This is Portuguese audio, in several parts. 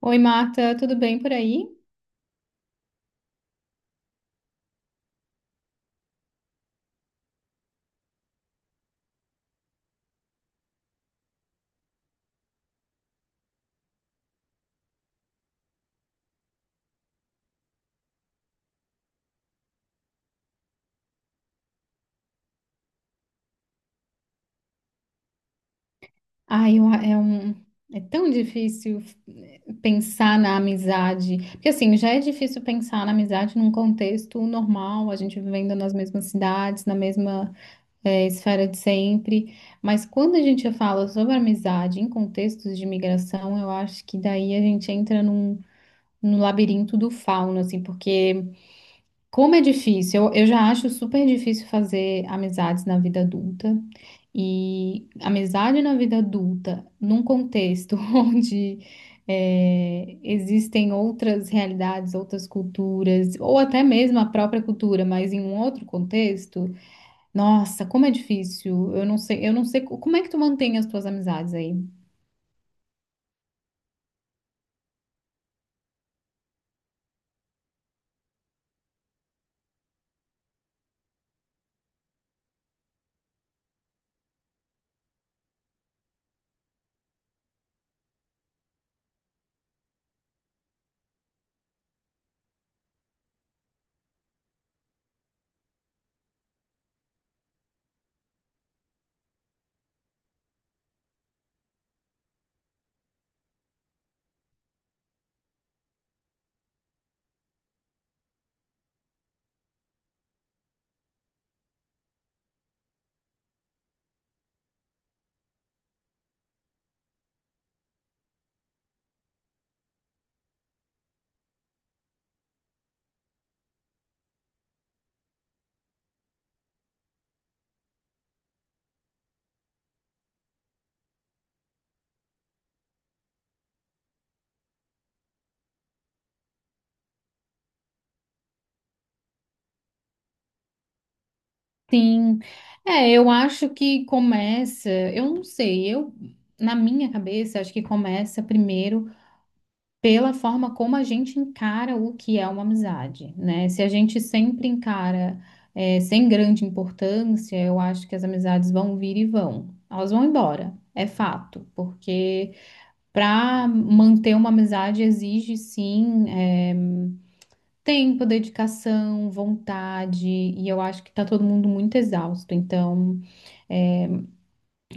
Oi, Marta, tudo bem por aí? Ai, eu- é um, é tão difícil pensar na amizade, porque assim, já é difícil pensar na amizade num contexto normal, a gente vivendo nas mesmas cidades, na mesma, esfera de sempre, mas quando a gente fala sobre amizade em contextos de migração, eu acho que daí a gente entra num labirinto do fauno, assim, porque como é difícil, eu já acho super difícil fazer amizades na vida adulta. E amizade na vida adulta, num contexto onde existem outras realidades, outras culturas, ou até mesmo a própria cultura, mas em um outro contexto, nossa, como é difícil. Eu não sei como é que tu mantém as tuas amizades aí. Sim, é, eu acho que começa, eu não sei, eu na minha cabeça acho que começa primeiro pela forma como a gente encara o que é uma amizade, né? Se a gente sempre encara sem grande importância, eu acho que as amizades vão vir e vão. Elas vão embora, é fato, porque para manter uma amizade exige sim tempo, dedicação, vontade, e eu acho que tá todo mundo muito exausto, então.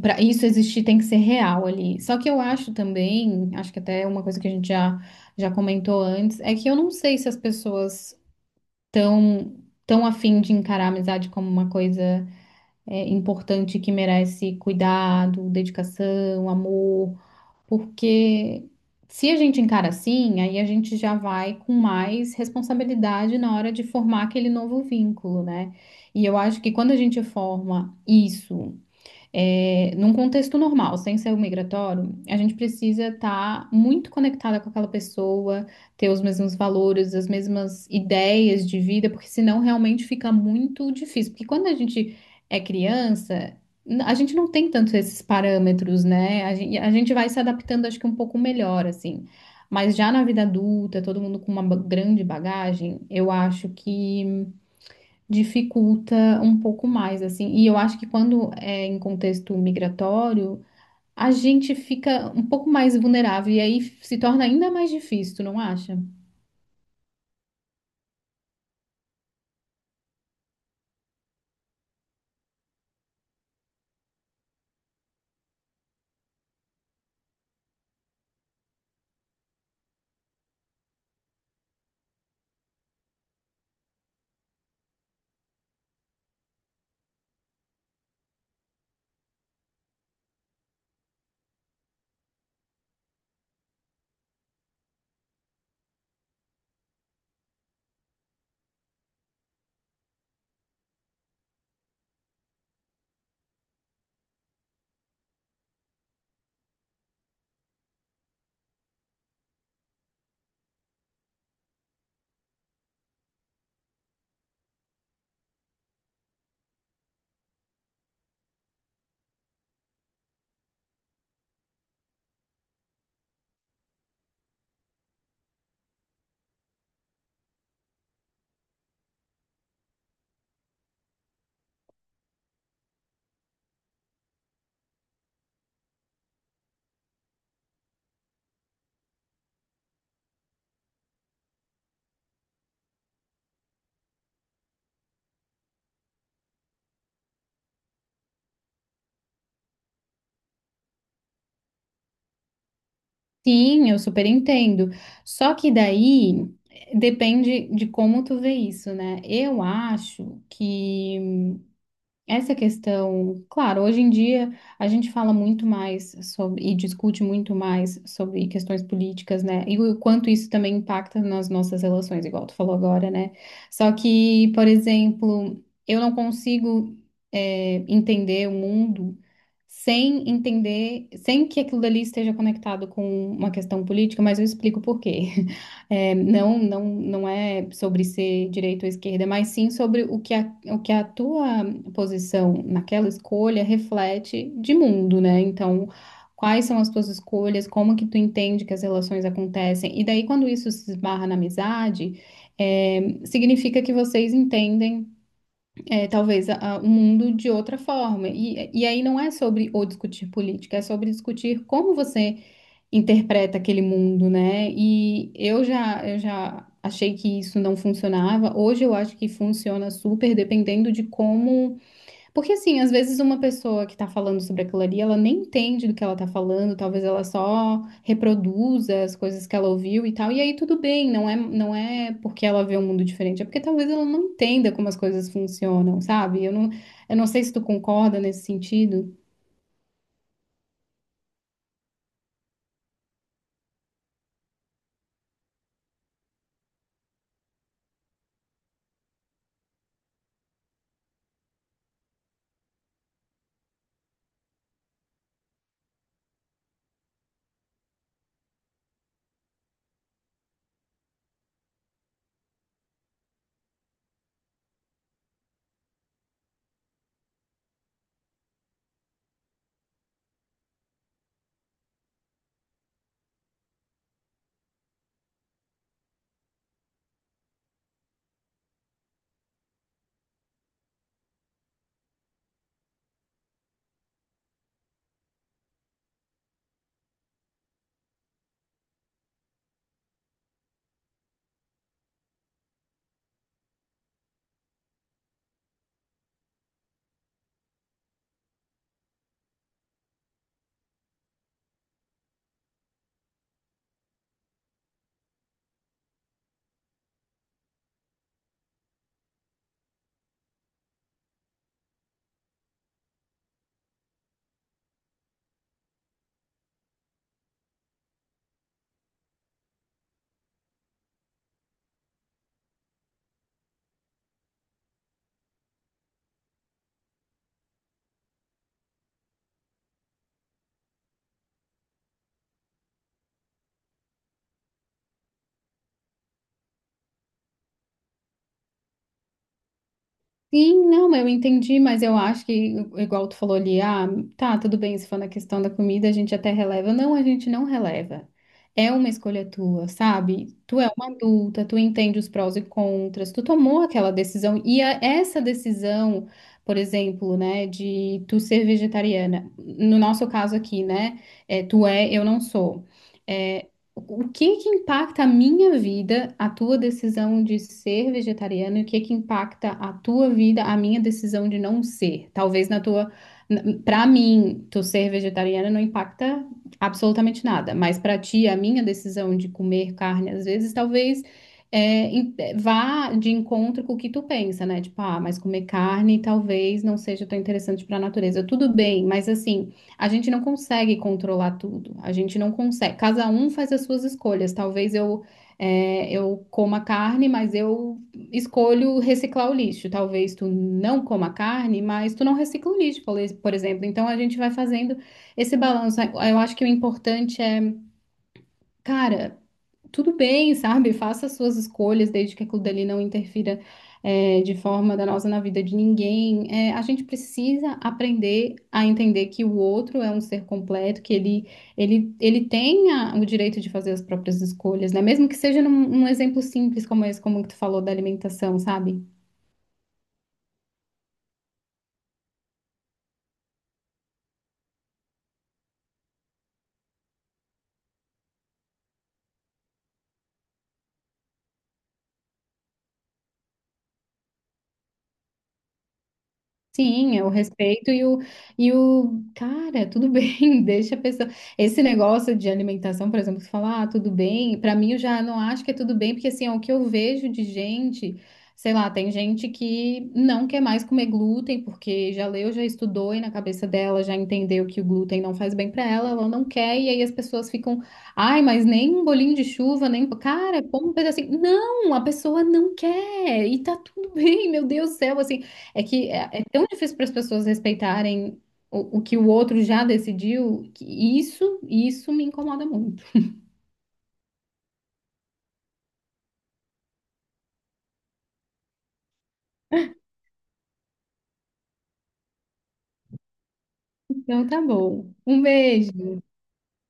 Para isso existir tem que ser real ali. Só que eu acho também, acho que até é uma coisa que já comentou antes, é que eu não sei se as pessoas estão tão afim de encarar a amizade como uma coisa importante que merece cuidado, dedicação, amor, porque se a gente encara assim, aí a gente já vai com mais responsabilidade na hora de formar aquele novo vínculo, né? E eu acho que quando a gente forma isso num contexto normal, sem ser o migratório, a gente precisa estar muito conectada com aquela pessoa, ter os mesmos valores, as mesmas ideias de vida, porque senão realmente fica muito difícil. Porque quando a gente é criança, a gente não tem tanto esses parâmetros, né? A gente vai se adaptando, acho que um pouco melhor, assim. Mas já na vida adulta, todo mundo com uma grande bagagem, eu acho que dificulta um pouco mais, assim. E eu acho que quando é em contexto migratório, a gente fica um pouco mais vulnerável e aí se torna ainda mais difícil, tu não acha? Sim, eu super entendo. Só que daí depende de como tu vê isso, né? Eu acho que essa questão, claro, hoje em dia a gente fala muito mais sobre e discute muito mais sobre questões políticas, né? E o quanto isso também impacta nas nossas relações, igual tu falou agora, né? Só que, por exemplo, eu não consigo entender o mundo sem entender, sem que aquilo dali esteja conectado com uma questão política, mas eu explico por quê. É, não, não, não é sobre ser direita ou esquerda, mas sim sobre o que o que a tua posição naquela escolha reflete de mundo, né? Então, quais são as tuas escolhas, como que tu entende que as relações acontecem, e daí quando isso se esbarra na amizade, é, significa que vocês entendem, é, talvez, o mundo de outra forma. E aí não é sobre ou discutir política, é sobre discutir como você interpreta aquele mundo, né? Eu já achei que isso não funcionava. Hoje eu acho que funciona super, dependendo de como. Porque, assim, às vezes uma pessoa que tá falando sobre aquilo ali, ela nem entende do que ela tá falando, talvez ela só reproduza as coisas que ela ouviu e tal. E aí tudo bem, não é porque ela vê um mundo diferente, é porque talvez ela não entenda como as coisas funcionam, sabe? Eu não sei se tu concorda nesse sentido. Sim, não, eu entendi, mas eu acho que, igual tu falou ali, ah, tá, tudo bem, se for na questão da comida, a gente até releva. Não, a gente não releva. É uma escolha tua, sabe? Tu é uma adulta, tu entende os prós e contras, tu tomou aquela decisão. E essa decisão, por exemplo, né, de tu ser vegetariana, no nosso caso aqui, né, é, tu é, eu não sou. É, o que que impacta a minha vida, a tua decisão de ser vegetariano, e o que que impacta a tua vida, a minha decisão de não ser? Talvez na tua, para mim, tu ser vegetariana não impacta absolutamente nada, mas para ti, a minha decisão de comer carne às vezes, talvez vá de encontro com o que tu pensa, né? Tipo, ah, mas comer carne talvez não seja tão interessante para a natureza. Tudo bem, mas assim a gente não consegue controlar tudo. A gente não consegue. Cada um faz as suas escolhas. Talvez eu coma carne, mas eu escolho reciclar o lixo. Talvez tu não coma carne, mas tu não recicla o lixo, por exemplo. Então a gente vai fazendo esse balanço. Eu acho que o importante é, cara, tudo bem, sabe? Faça as suas escolhas, desde que aquilo dali não interfira, é, de forma danosa na vida de ninguém. É, a gente precisa aprender a entender que o outro é um ser completo, ele tem o direito de fazer as próprias escolhas, né? Mesmo que seja num exemplo simples como esse, como que tu falou da alimentação, sabe? Sim, é o respeito e o cara, tudo bem, deixa a pessoa. Esse negócio de alimentação, por exemplo, que fala, ah, tudo bem, pra mim eu já não acho que é tudo bem, porque assim, é o que eu vejo de gente, sei lá, tem gente que não quer mais comer glúten, porque já leu, já estudou e na cabeça dela já entendeu que o glúten não faz bem pra ela, ela não quer, e aí as pessoas ficam, ai, mas nem um bolinho de chuva, nem. Cara, como um pedacinho. Não, a pessoa não quer, e tá tudo bem, meu Deus do céu, assim. É que é, é tão difícil para as pessoas respeitarem o que o outro já decidiu, que isso me incomoda muito. Então tá bom. Um beijo.